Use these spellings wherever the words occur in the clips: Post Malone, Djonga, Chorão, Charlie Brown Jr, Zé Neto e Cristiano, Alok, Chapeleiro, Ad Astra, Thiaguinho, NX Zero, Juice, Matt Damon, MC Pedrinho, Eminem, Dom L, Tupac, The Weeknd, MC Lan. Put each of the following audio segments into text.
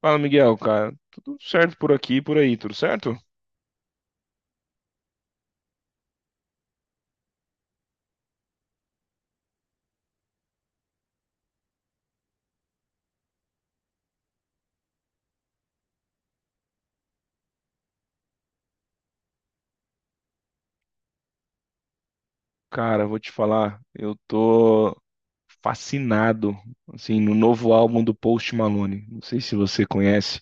Fala, Miguel, cara. Tudo certo por aqui e por aí, tudo certo? Cara, vou te falar, eu tô fascinado, assim, no novo álbum do Post Malone. Não sei se você conhece,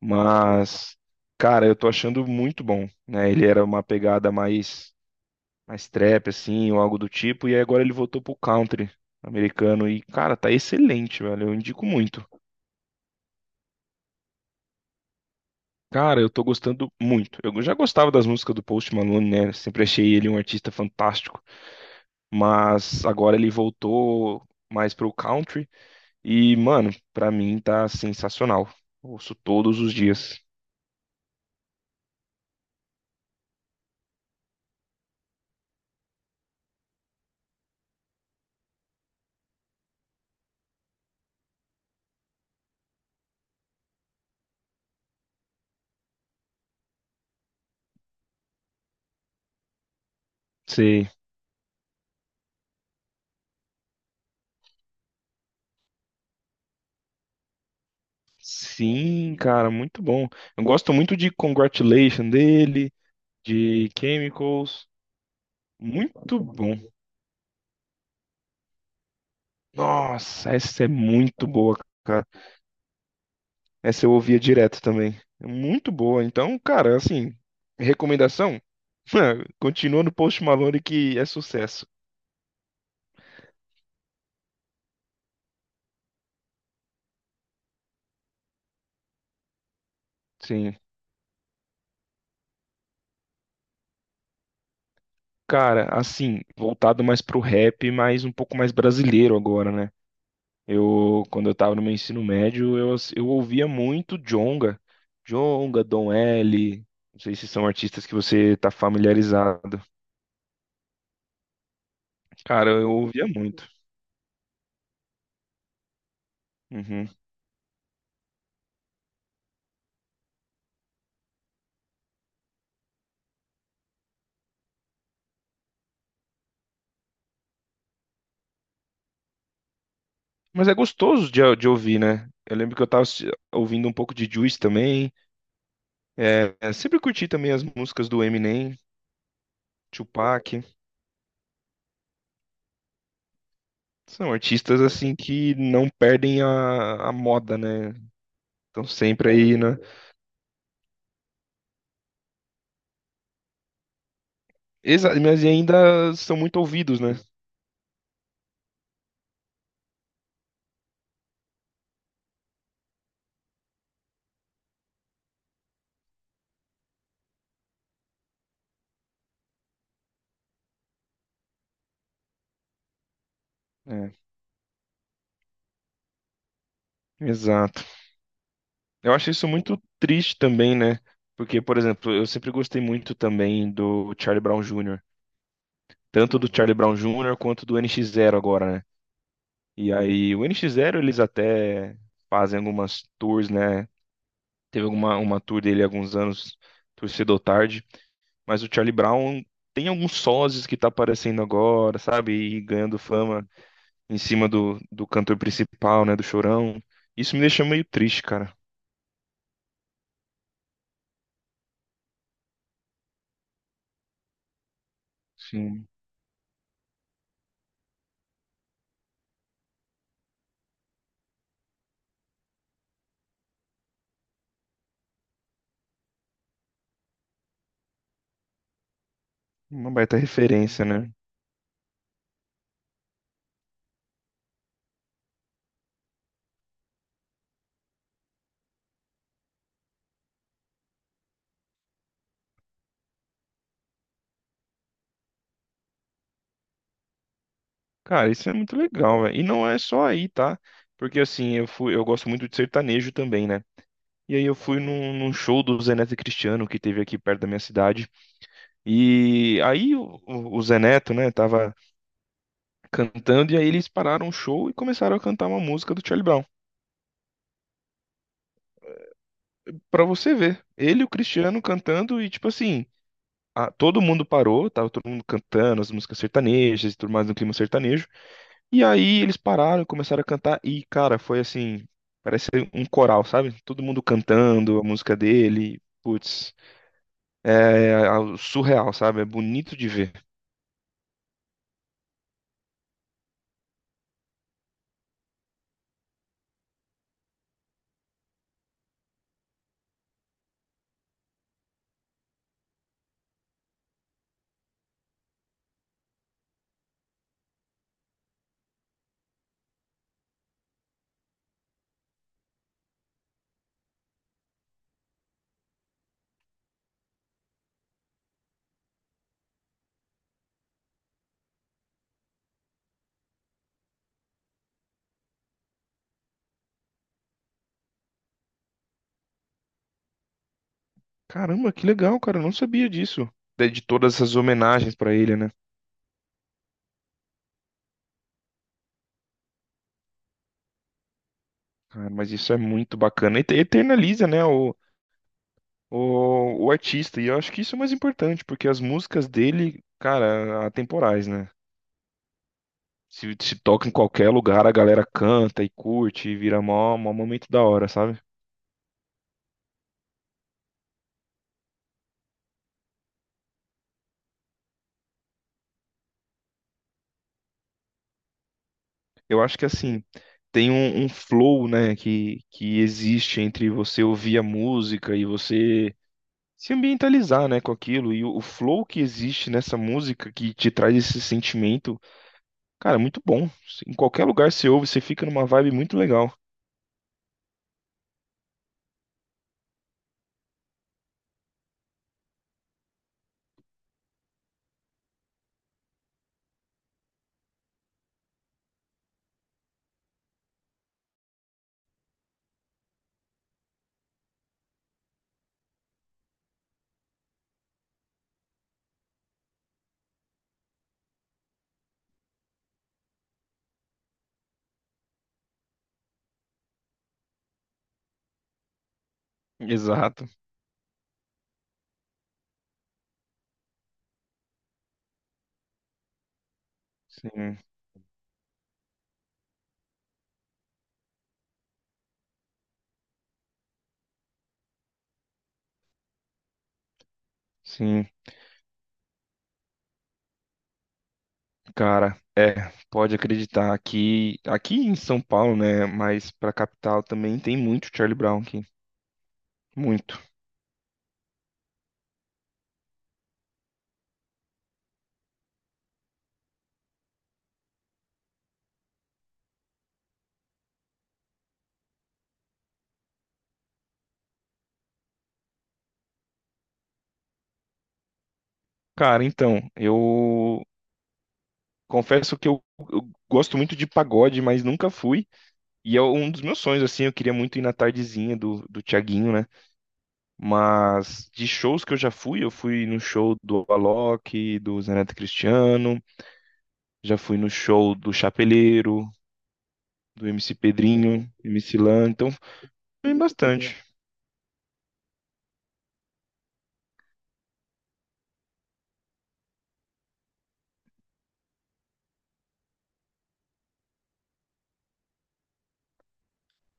mas, cara, eu tô achando muito bom, né? Ele era uma pegada mais, mais trap, assim, ou algo do tipo, e aí agora ele voltou pro country americano e, cara, tá excelente, velho. Eu indico muito. Cara, eu tô gostando muito. Eu já gostava das músicas do Post Malone, né? Sempre achei ele um artista fantástico, mas agora ele voltou mais pro country e, mano, pra mim tá sensacional. Ouço todos os dias. Sei. Sim, cara, muito bom. Eu gosto muito de Congratulation dele, de Chemicals. Muito bom. Nossa, essa é muito boa, cara. Essa eu ouvia direto também. É muito boa. Então, cara, assim, recomendação, continua no Post Malone que é sucesso. Sim, cara, assim, voltado mais pro rap, mas um pouco mais brasileiro agora, né? Eu, quando eu tava no meu ensino médio, eu ouvia muito Djonga. Djonga, Dom L. Não sei se são artistas que você tá familiarizado. Cara, eu ouvia muito. Uhum. Mas é gostoso de ouvir, né? Eu lembro que ouvindo um pouco de Juice também. É, é, sempre curti também as músicas do Eminem, Tupac. São artistas assim que não perdem a moda, né? Estão sempre aí, né? Exa, mas ainda são muito ouvidos, né? É, exato. Eu acho isso muito triste também, né? Porque, por exemplo, eu sempre gostei muito também do Charlie Brown Jr. Tanto do Charlie Brown Jr. quanto do NX Zero agora, né? E aí, o NX Zero eles até fazem algumas tours, né? Teve alguma, uma tour dele há alguns anos, tour cedo ou tarde. Mas o Charlie Brown tem alguns sozes que tá aparecendo agora, sabe? E ganhando fama em cima do cantor principal, né, do Chorão. Isso me deixa meio triste, cara. Sim, uma baita referência, né? Cara, isso é muito legal, velho. E não é só aí, tá? Porque assim, eu fui, eu gosto muito de sertanejo também, né? E aí eu fui num show do Zé Neto e Cristiano que teve aqui perto da minha cidade. E aí o Zé Neto, né, tava cantando e aí eles pararam o show e começaram a cantar uma música do Charlie Brown. Pra você ver, ele e o Cristiano cantando e tipo assim, todo mundo parou, tava todo mundo cantando as músicas sertanejas e tudo mais no clima sertanejo. E aí eles pararam, começaram a cantar e, cara, foi assim, parece um coral, sabe? Todo mundo cantando a música dele. Putz, é algo surreal, sabe? É bonito de ver. Caramba, que legal, cara, eu não sabia disso. De todas essas homenagens pra ele, né? Cara, mas isso é muito bacana. E eternaliza, né, o artista. E eu acho que isso é o mais importante, porque as músicas dele, cara, atemporais, né? Se toca em qualquer lugar, a galera canta e curte e vira mó, mó momento da hora, sabe? Eu acho que assim, tem um flow, né, que existe entre você ouvir a música e você se ambientalizar, né, com aquilo. E o flow que existe nessa música que te traz esse sentimento, cara, é muito bom. Em qualquer lugar você ouve, você fica numa vibe muito legal. Exato. Sim, sim. Cara, é, pode acreditar que aqui em São Paulo, né, mas pra capital também tem muito Charlie Brown aqui, muito. Cara, então, eu confesso que eu gosto muito de pagode, mas nunca fui, e é um dos meus sonhos, assim, eu queria muito ir na tardezinha do Thiaguinho, né, mas de shows que eu já fui, eu fui no show do Alok, do Zé Neto Cristiano, já fui no show do Chapeleiro, do MC Pedrinho, MC Lan, então, tem bastante.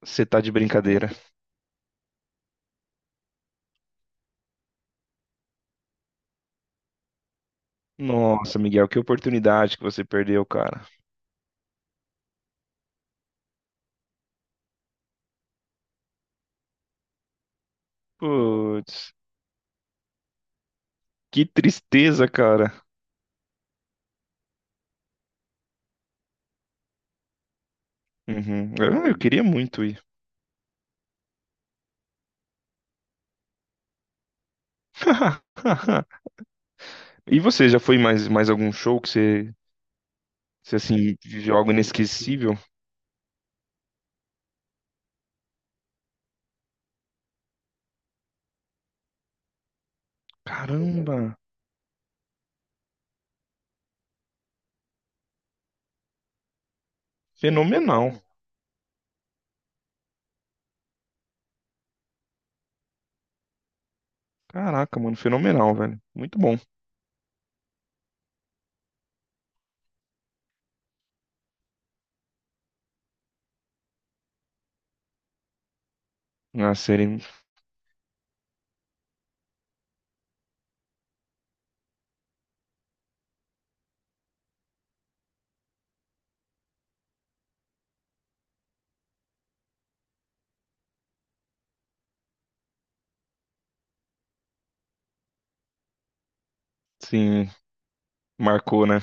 Você tá de brincadeira. Nossa, Miguel, que oportunidade que você perdeu, cara. Putz, que tristeza, cara. Uhum. Eu queria muito ir. E você, já foi em mais, mais algum show que você, você, assim, viveu algo inesquecível? Caramba, fenomenal. Caraca, mano, fenomenal, velho. Muito bom. A série, sim, marcou, né?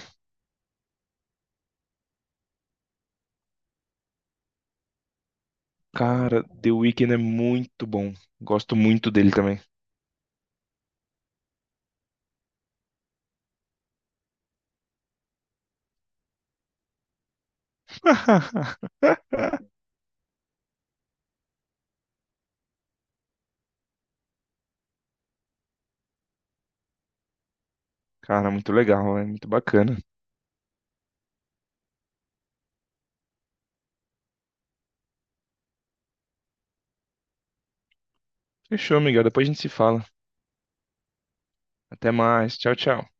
Cara, The Weeknd é muito bom. Gosto muito dele também. Cara, muito legal, é muito bacana. Fechou, Miguel. Depois a gente se fala. Até mais. Tchau, tchau.